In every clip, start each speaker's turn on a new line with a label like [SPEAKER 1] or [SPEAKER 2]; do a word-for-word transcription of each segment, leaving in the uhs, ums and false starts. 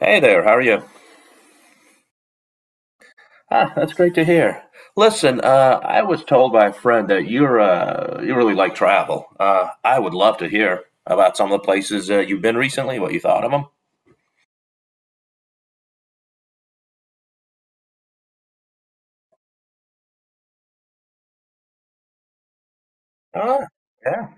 [SPEAKER 1] Hey there, how are you? Ah, that's great to hear. Listen, uh, I was told by a friend that you're uh, you really like travel. Uh, I would love to hear about some of the places uh, you've been recently. What you thought of them? Ah, yeah,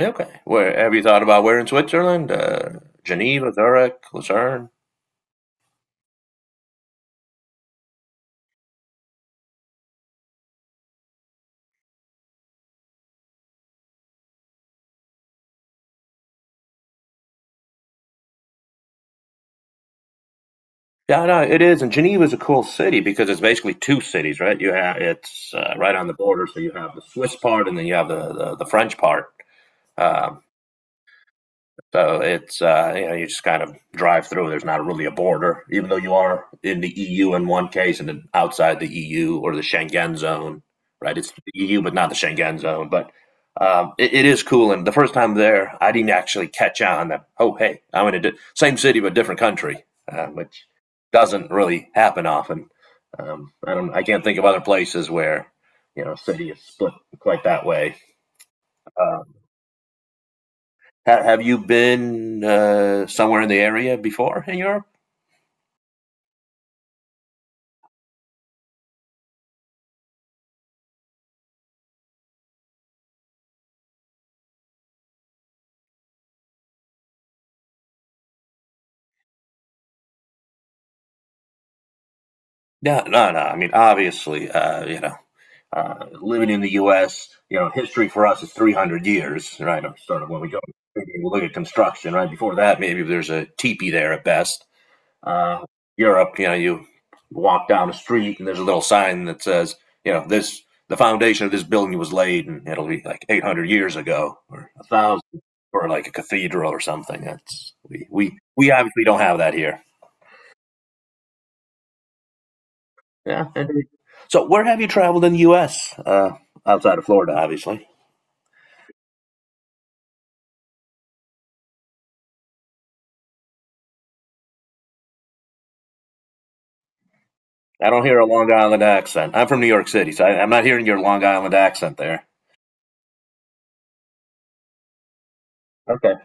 [SPEAKER 1] okay. Where have you thought about? Where in Switzerland? Uh, Geneva, Zurich, Lucerne. Yeah, no, it is. And Geneva is a cool city because it's basically two cities, right? You have, it's uh, right on the border, so you have the Swiss part and then you have the the, the French part. Um, So it's uh, you know, you just kind of drive through. There's not really a border, even though you are in the E U in one case and then outside the E U or the Schengen zone, right? It's the E U but not the Schengen zone. But um, it, it is cool. And the first time there, I didn't actually catch on that. Oh, hey, I'm in a di- same city but different country, uh, which doesn't really happen often. Um, I don't. I can't think of other places where, you know, a city is split quite that way. Um, Ha- have you been uh, somewhere in the area before in Europe? No, no, no. I mean, obviously, uh, you know, uh, living in the U S, you know, history for us is three hundred years, right? Of sort of when we go, we look at construction, right? Before that, maybe there's a teepee there at best. Uh, Europe, you know, you walk down the street and there's a little sign that says, you know, this, the foundation of this building was laid, and it'll be like eight hundred years ago, or a thousand, or like a cathedral or something. That's, we we we obviously don't have that here. Yeah. So where have you traveled in the U S? Uh, outside of Florida, obviously? I don't hear a Long Island accent. I'm from New York City, so I, I'm not hearing your Long Island accent there. Okay.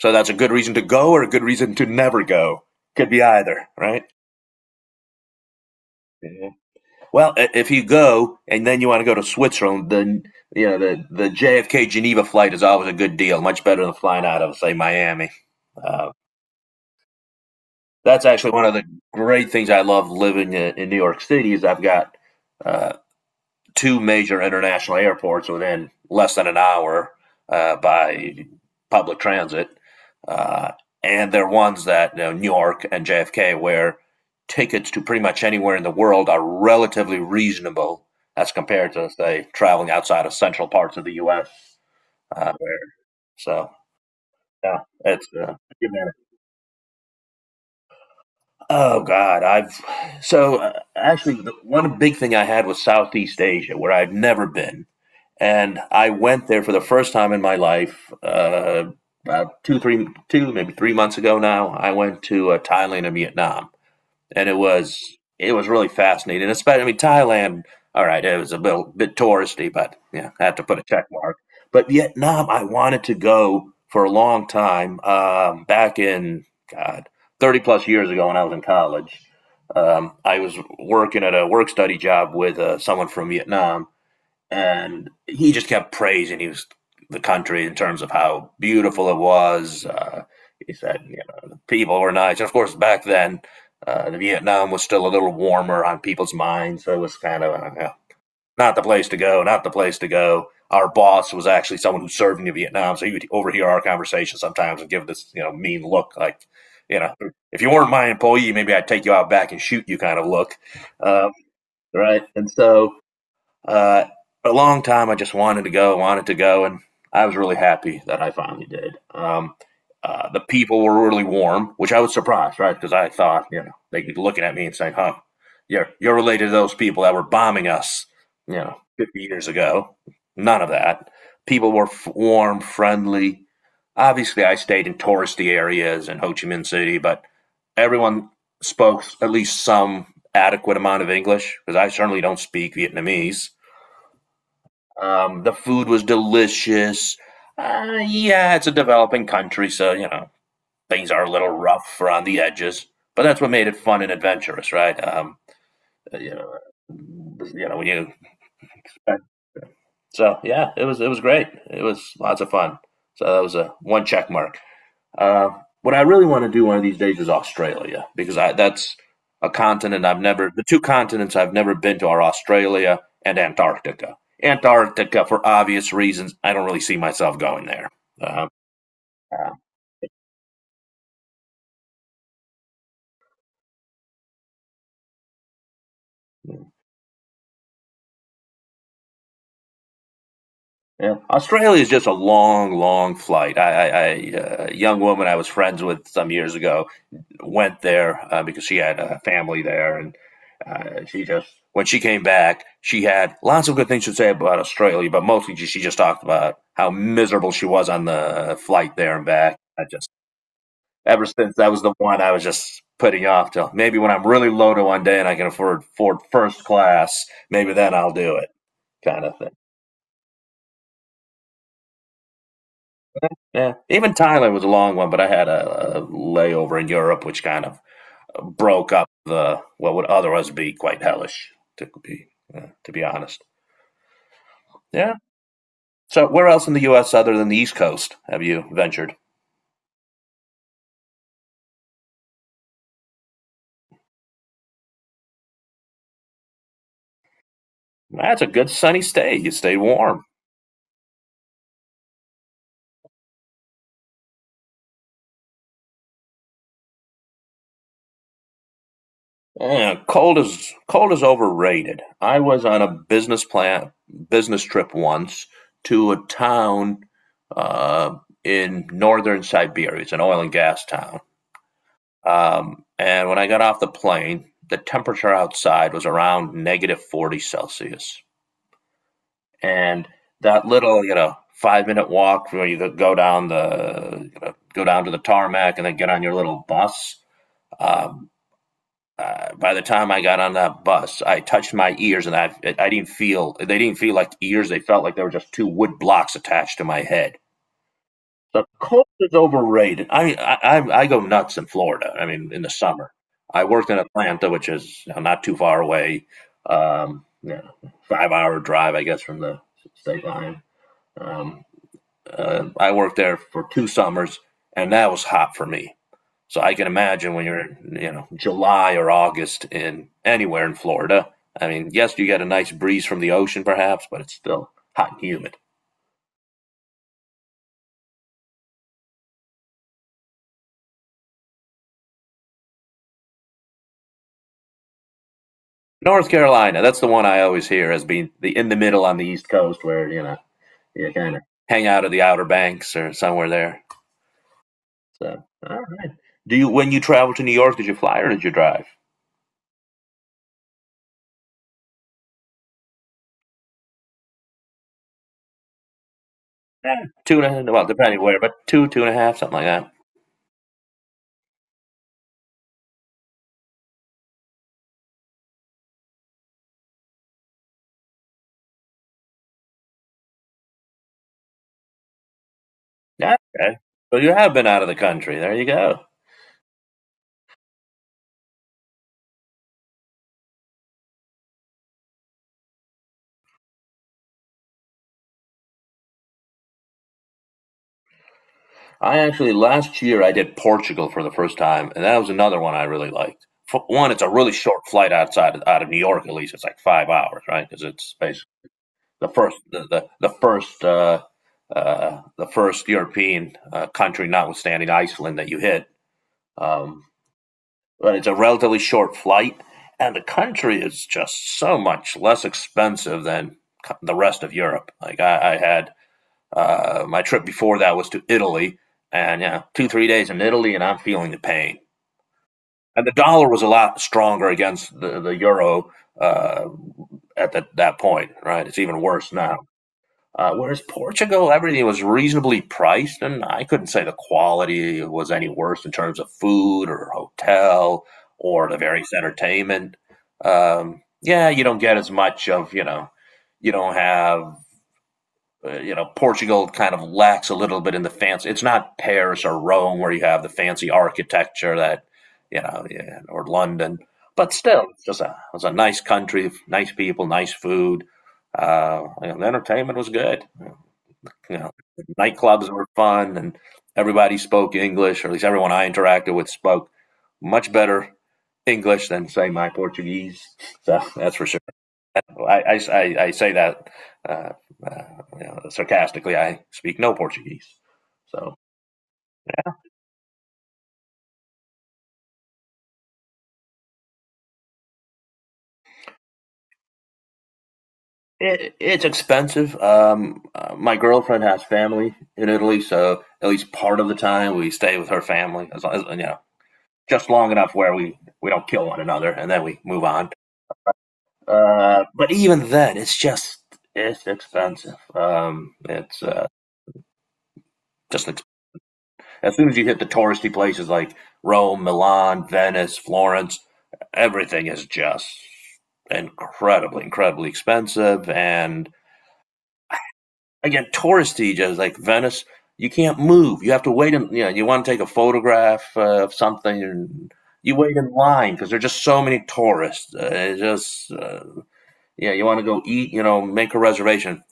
[SPEAKER 1] So that's a good reason to go or a good reason to never go. Could be either, right? Yeah. Well, if you go and then you want to go to Switzerland, then you know the the J F K Geneva flight is always a good deal, much better than flying out of, say, Miami. Uh, that's actually one of the great things I love living in, in New York City, is I've got uh, two major international airports within less than an hour uh, by public transit. Uh, and they're ones that, you know, New York and J F K, where tickets to pretty much anywhere in the world are relatively reasonable as compared to, say, traveling outside of central parts of the U S. Uh, where, so, yeah, it's uh, oh God, I've, so uh, actually the one big thing I had was Southeast Asia, where I've never been. And I went there for the first time in my life uh, about two, three, two, maybe three months ago now. I went to uh, Thailand and Vietnam, and it was it was really fascinating. And especially, I mean, Thailand. All right, it was a bit, bit touristy, but yeah, I had to put a check mark. But Vietnam, I wanted to go for a long time. Um, back in, God, thirty plus years ago, when I was in college, um, I was working at a work study job with uh, someone from Vietnam, and he just kept praising he was the country in terms of how beautiful it was. Uh, he said, you know, the people were nice. And of course, back then, uh, the Vietnam was still a little warmer on people's minds. So it was kind of uh, yeah, not the place to go, not the place to go. Our boss was actually someone who served in Vietnam. So he would overhear our conversation sometimes and give this, you know, mean look like, you know, if you weren't my employee, maybe I'd take you out back and shoot you kind of look. Um, right. And so uh, a long time, I just wanted to go, wanted to go, and I was really happy that I finally did. Um, uh, the people were really warm, which I was surprised, right? Because I thought, you know, they'd be looking at me and saying, "Huh, you're you're related to those people that were bombing us, you know, fifty years ago." None of that. People were f- warm, friendly. Obviously, I stayed in touristy areas in Ho Chi Minh City, but everyone spoke at least some adequate amount of English, because I certainly don't speak Vietnamese. Um, the food was delicious. Uh, yeah, it's a developing country, so you know things are a little rough around the edges. But that's what made it fun and adventurous, right? Um, uh, you know, you know when you so yeah, it was it was great. It was lots of fun. So that was a one check mark. Uh, what I really want to do one of these days is Australia, because I, that's a continent I've never, the two continents I've never been to are Australia and Antarctica. Antarctica, for obvious reasons, I don't really see myself going there. Uh, uh, yeah. Australia is just a long, long flight. I, I, I, uh, a young woman I was friends with some years ago went there uh, because she had a family there, and uh, she just, when she came back, she had lots of good things to say about Australia, but mostly she just talked about how miserable she was on the flight there and back. I just, ever since, that was the one I was just putting off till maybe when I'm really loaded one day, and I can afford afford first class, maybe then I'll do it, kind of thing. Yeah, even Thailand was a long one, but I had a, a layover in Europe, which kind of broke up the, what would otherwise be quite hellish to be uh, to be honest. Yeah. So where else in the U S, other than the East Coast, have you ventured? That's a good sunny stay. You stay warm. Yeah, cold is cold is overrated. I was on a business plan business trip once to a town uh, in northern Siberia. It's an oil and gas town. Um, and when I got off the plane, the temperature outside was around negative forty Celsius. And that little, you know, five minute walk where you go down the, you know, go down to the tarmac and then get on your little bus, um, uh, by the time I got on that bus, I touched my ears and I I didn't feel they didn't feel like ears. They felt like they were just two wood blocks attached to my head. The cold is overrated. I i i I go nuts in Florida, I mean in the summer. I worked in Atlanta, which is not too far away, um, you know, five hour drive I guess from the state line. Um, uh, I worked there for two summers, and that was hot for me. So I can imagine when you're, you know, July or August in anywhere in Florida. I mean, yes, you get a nice breeze from the ocean, perhaps, but it's still hot and humid. North Carolina, that's the one I always hear as being the in the middle on the East Coast, where you know you kind of hang out at the Outer Banks or somewhere there. So, all right. do you when you travel to New York, did you fly or did you drive? Eh, two and a half, well, depending where, but two, two and a half, something like that. Yeah, okay. So you have been out of the country. There you go. I actually last year I did Portugal for the first time, and that was another one I really liked. For one, it's a really short flight outside, out of New York. At least it's like five hours, right? Because it's basically the first the the, the first uh, uh, the first European uh, country, notwithstanding Iceland, that you hit. Um, but it's a relatively short flight, and the country is just so much less expensive than co- the rest of Europe. Like, I, I had, Uh, my trip before that was to Italy, and yeah, two three days in Italy, and I'm feeling the pain. And the dollar was a lot stronger against the, the euro uh, at that that point, right? It's even worse now. Uh, whereas Portugal, everything was reasonably priced, and I couldn't say the quality was any worse in terms of food or hotel or the various entertainment. Um, yeah, you don't get as much of, you know, you don't have uh, you know, Portugal kind of lacks a little bit in the fancy. It's not Paris or Rome where you have the fancy architecture that, you know, yeah, or London. But still, it's just a it's a nice country, nice people, nice food. Uh, you know, the entertainment was good. You know, the nightclubs were fun, and everybody spoke English, or at least everyone I interacted with spoke much better English than, say, my Portuguese. So that's for sure. I, I, I- say that uh, uh, you know, sarcastically. I speak no Portuguese, so, it, it's expensive. Um, uh, my girlfriend has family in Italy, so at least part of the time we stay with her family, as, as you know, just long enough where we we don't kill one another, and then we move on. Uh, but even then, it's just, it's expensive. Um, it's uh, just, as soon as you hit the touristy places like Rome, Milan, Venice, Florence, everything is just incredibly, incredibly expensive. And again, touristy, just like Venice, you can't move. You have to wait. In, you know, you want to take a photograph uh, of something, and you wait in line because there are just so many tourists. Uh, it's just uh, yeah, you want to go eat. You know, make a reservation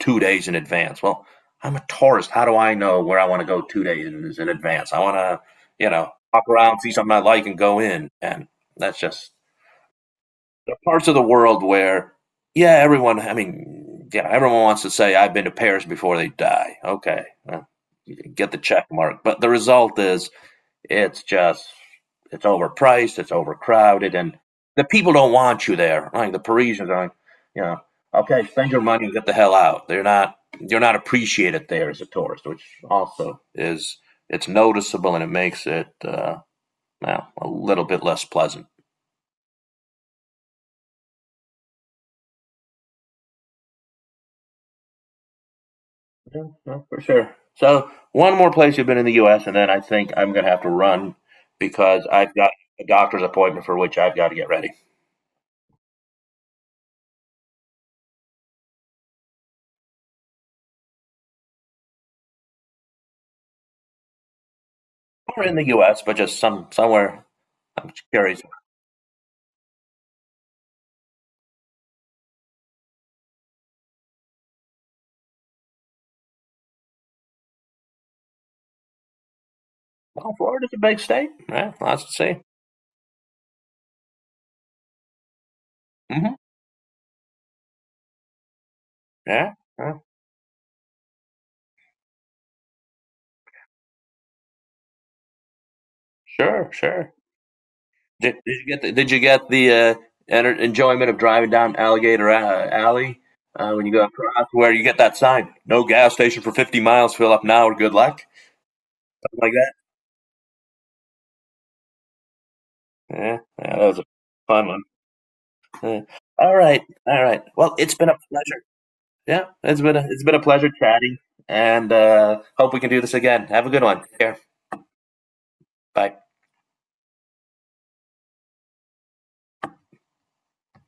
[SPEAKER 1] two days in advance. Well, I'm a tourist. How do I know where I want to go two days in advance? I want to, you know, hop around, see something I like, and go in. And that's just the parts of the world where, yeah, everyone. I mean, yeah, everyone wants to say I've been to Paris before they die. Okay, well, you get the check mark, but the result is, it's just, it's overpriced, it's overcrowded, and the people don't want you there. Like the Parisians are like, you know, okay, spend your money and get the hell out. They're not, you're not appreciated there as a tourist, which also is, it's noticeable and it makes it, uh, well, a little bit less pleasant. Yeah, yeah, for sure. So, one more place you've been in the U S, and then I think I'm going to have to run because I've got a doctor's appointment for which I've got to get ready. Or in the U S, but just some somewhere. I'm curious. Well, Florida's a big state. Yeah, lots to see. Hmm. Yeah, yeah, sure, sure. Did, did you get the, did you get the uh, enter, enjoyment of driving down Alligator uh, Alley uh, when you go across, where you get that sign? No gas station for fifty miles. Fill up now or good luck. Something like that. Yeah, yeah, that was a fun one. Yeah. All right, all right. Well, it's been a pleasure. Yeah, it's been a, it's been a pleasure chatting, and uh, hope we can do this again. Have a good one. Take care. Bye.